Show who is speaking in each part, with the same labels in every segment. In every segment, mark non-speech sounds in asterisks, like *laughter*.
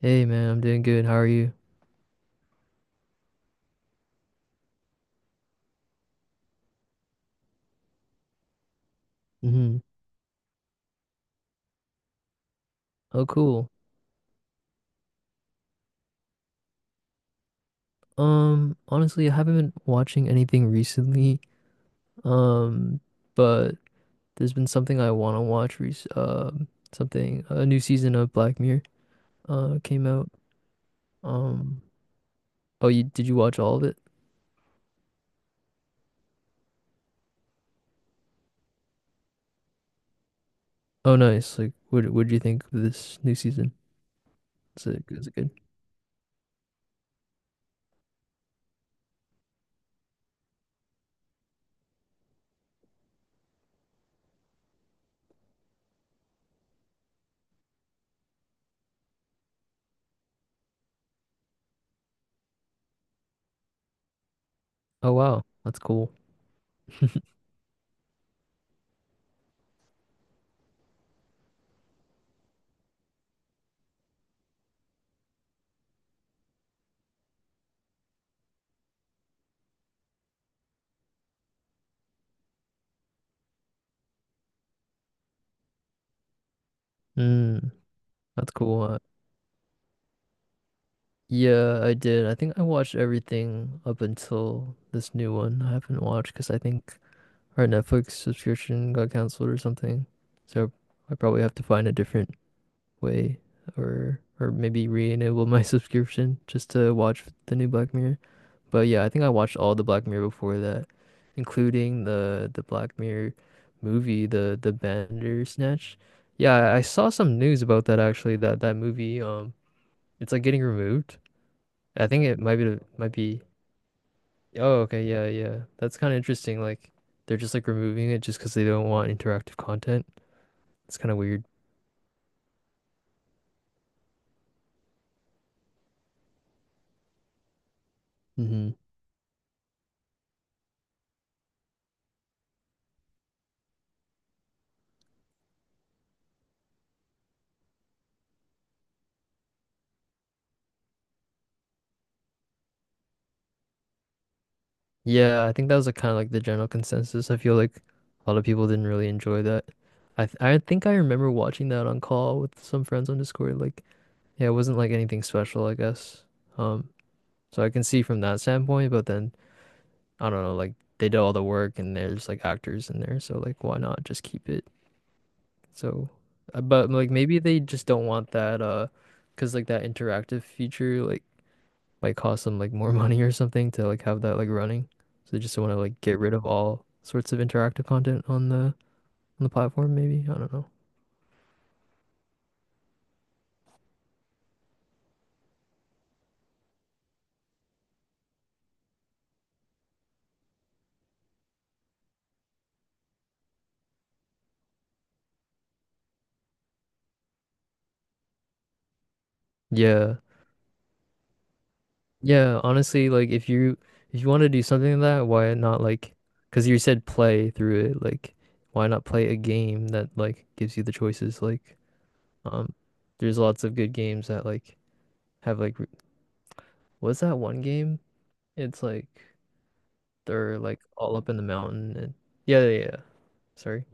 Speaker 1: Hey man, I'm doing good. How are you? Hmm. Oh, cool. Honestly, I haven't been watching anything recently. Um, but there's been something I want to watch rec something, a new season of Black Mirror came out. Um, oh, you did you watch all of it? Oh, nice. Like, what do you think of this new season? Is it good? Oh, wow. That's cool. Mm, that's cool. Yeah, I did. I think I watched everything up until this new one. I haven't watched because I think our Netflix subscription got canceled or something. So I probably have to find a different way, or maybe re-enable my *laughs* subscription just to watch the new Black Mirror. But yeah, I think I watched all the Black Mirror before that, including the Black Mirror movie, the Bandersnatch. Yeah, I saw some news about that actually, that that movie, it's like getting removed. I think it might be Oh, okay, yeah, yeah. That's kind of interesting. Like, they're just like removing it just because they don't want interactive content. It's kind of weird. Hmm. Yeah, I think that was like kind of like the general consensus. I feel like a lot of people didn't really enjoy that. I think I remember watching that on call with some friends on Discord. Like, yeah, it wasn't like anything special, I guess. Um, so I can see from that standpoint, but then I don't know, like they did all the work and there's like actors in there, so like why not just keep it. So, but like maybe they just don't want that, cause like that interactive feature like might cost them like more *laughs* money or something to like have that like running. So they just want to like get rid of all sorts of interactive content on the platform maybe. I don't know. Yeah. Yeah, honestly, like if you, if you want to do something like that, why not like, cause you said play through it, like why not play a game that like gives you the choices like, um there's lots of good games that like have what's that one game? It's like they're like all up in the mountain, and yeah, yeah, yeah. Sorry.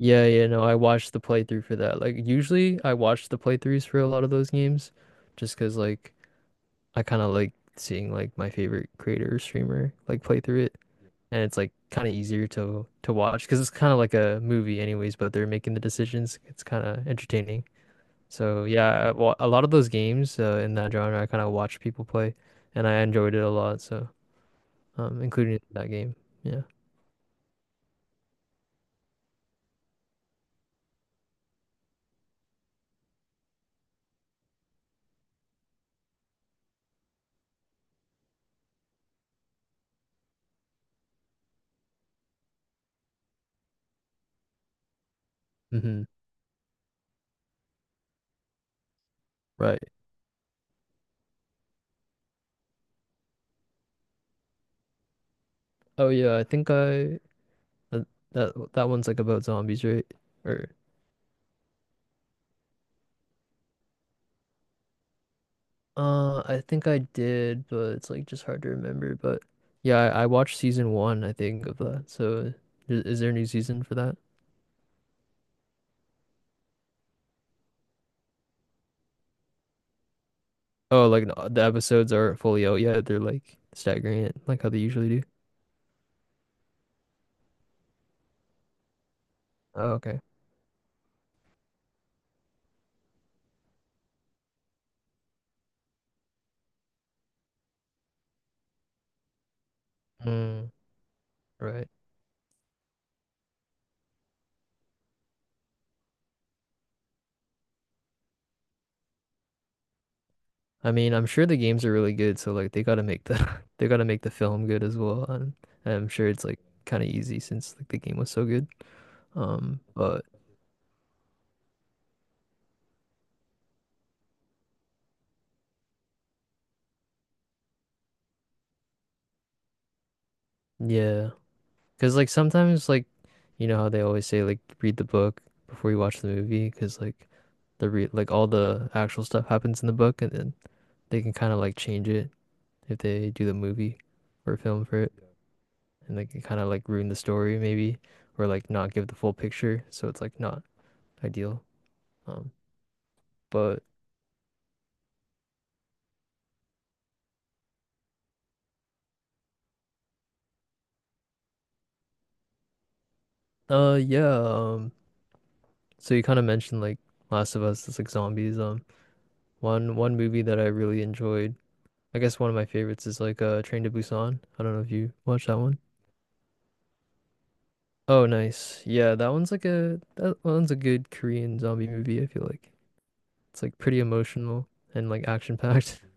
Speaker 1: Yeah, yeah, no, I watched the playthrough for that. Like usually I watch the playthroughs for a lot of those games, just 'cause like I kind of like seeing like my favorite creator or streamer like play through it, and it's like kind of easier to watch because it's kind of like a movie anyways, but they're making the decisions. It's kind of entertaining. So yeah, I a lot of those games in that genre I kind of watch people play and I enjoyed it a lot, so including that game. Yeah. Hmm. Right. Oh yeah, I think I uh, that that one's like about zombies, right? Or I think I did, but it's like just hard to remember. But yeah, I watched season one, I think, of that. So is there a new season for that? Oh, like the episodes aren't fully out yet. They're like staggering it, like how they usually do. Oh, okay. Mm, right. I mean, I'm sure the games are really good, so like they gotta make the *laughs* they gotta make the film good as well. And I'm sure it's like kind of easy since like the game was so good. But Yeah. Because, like, sometimes, like, you know how they always say, like, read the book before you watch the movie? Because, like, the all the actual stuff happens in the book, and then they can kind of, like, change it if they do the movie or film for it. And they can kind of, like, ruin the story, maybe, or, like, not give the full picture. So it's, like, not ideal. Um, but, yeah. So you kind of mentioned, like, Last of Us, it's like zombies. One movie that I really enjoyed. I guess one of my favorites is like Train to Busan. I don't know if you watched that one. Oh, nice. Yeah, that one's like a that one's a good Korean zombie movie, I feel like. It's like pretty emotional and like action packed. *laughs*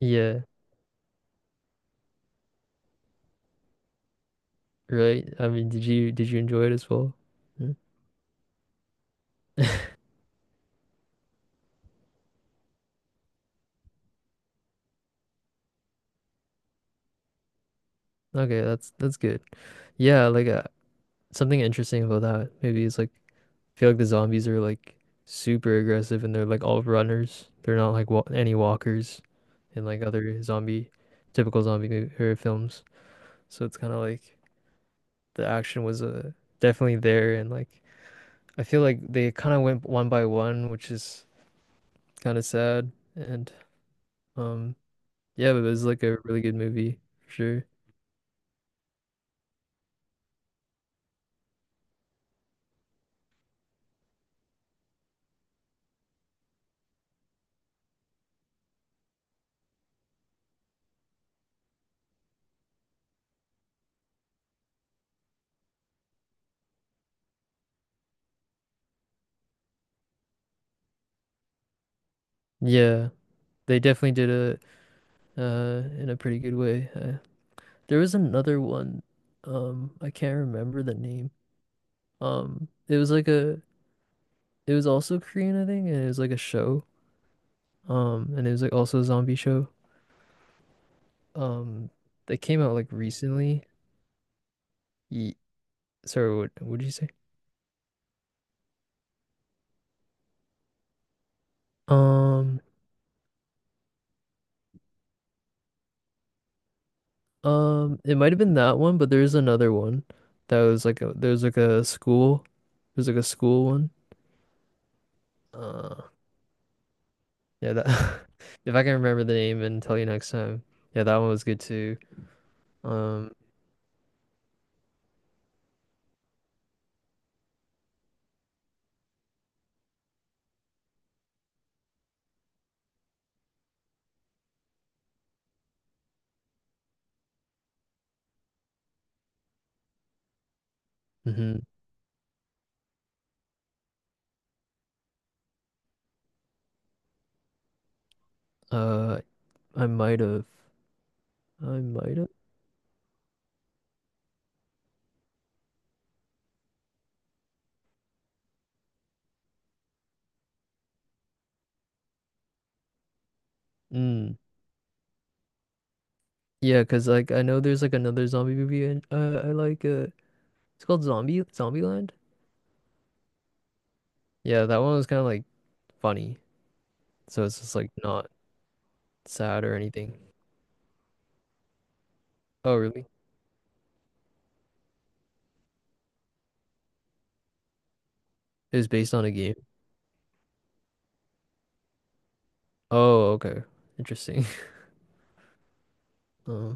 Speaker 1: Yeah, right. I mean, did you enjoy it as well? Hmm? *laughs* Okay, that's good. Yeah, like something interesting about that maybe is like I feel like the zombies are like super aggressive and they're like all runners. They're not like wa any walkers in like other zombie typical zombie or films. So it's kind of like the action was definitely there, and like I feel like they kind of went one by one, which is kind of sad. And um, yeah, but it was like a really good movie for sure. Yeah, they definitely did it in a pretty good way. There was another one, I can't remember the name. It was like a, it was also Korean, I think, and it was like a show. And it was like also a zombie show. Um, that came out like recently. Ye- Sorry, what did you say? Um, it might have been that one, but there's another one that was like a there's like a school, there's like a school one. Uh, yeah, that *laughs* if I can remember the name and tell you next time. Yeah, that one was good too. Um, mhm. Uh, I might have, I might have. Mm. Yeah, cause like I know there's like another zombie movie and I like it's called Zombieland. Yeah, that one was kind of like funny, so it's just like not sad or anything. Oh, really? It was based on a game. Oh, okay. Interesting. *laughs* Uh,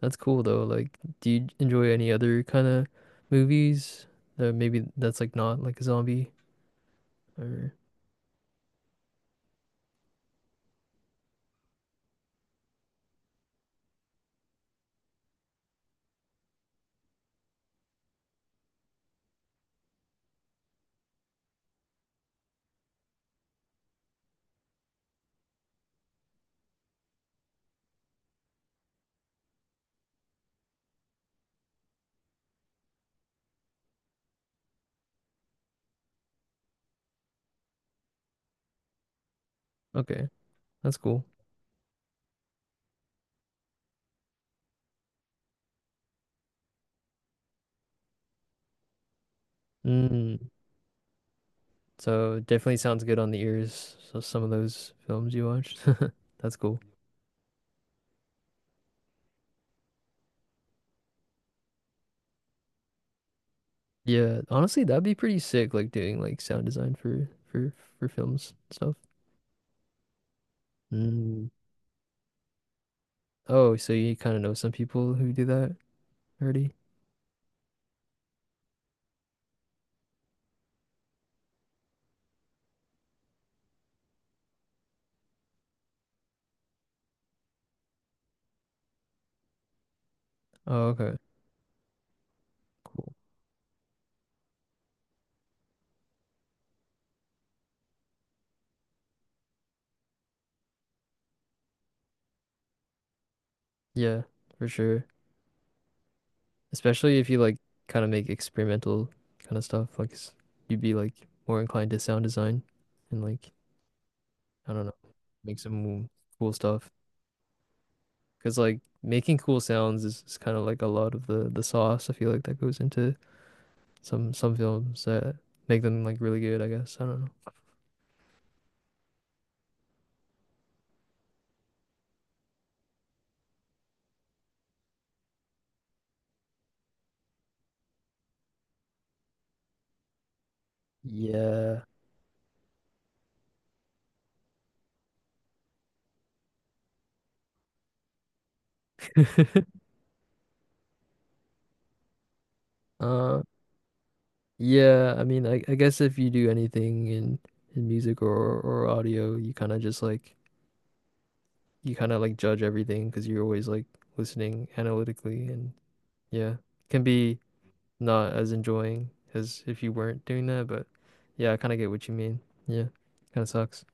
Speaker 1: that's cool though. Like, do you enjoy any other kind of movies that maybe that's like not like a zombie or okay, that's cool. Mm, so definitely sounds good on the ears. So some of those films you watched. *laughs* That's cool. Yeah, honestly, that'd be pretty sick like doing like sound design for for films and stuff. Mm. Oh, so you kind of know some people who do that already? Oh, okay. Cool. Yeah, for sure. Especially if you like kind of make experimental kind of stuff, like you'd be like more inclined to sound design and like I don't know, make some cool cool stuff. Because like making cool sounds is kind of like a lot of the sauce. I feel like that goes into some films that make them like really good. I guess I don't know. Yeah. *laughs* Uh, yeah, I mean, I guess if you do anything in music or audio, you kind of just like you kind of like judge everything because you're always like listening analytically and yeah, can be not as enjoying as if you weren't doing that, but yeah, I kind of get what you mean. Yeah, kind of sucks.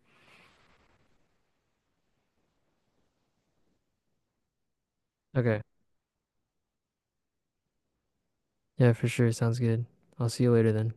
Speaker 1: Okay. Yeah, for sure. Sounds good. I'll see you later then.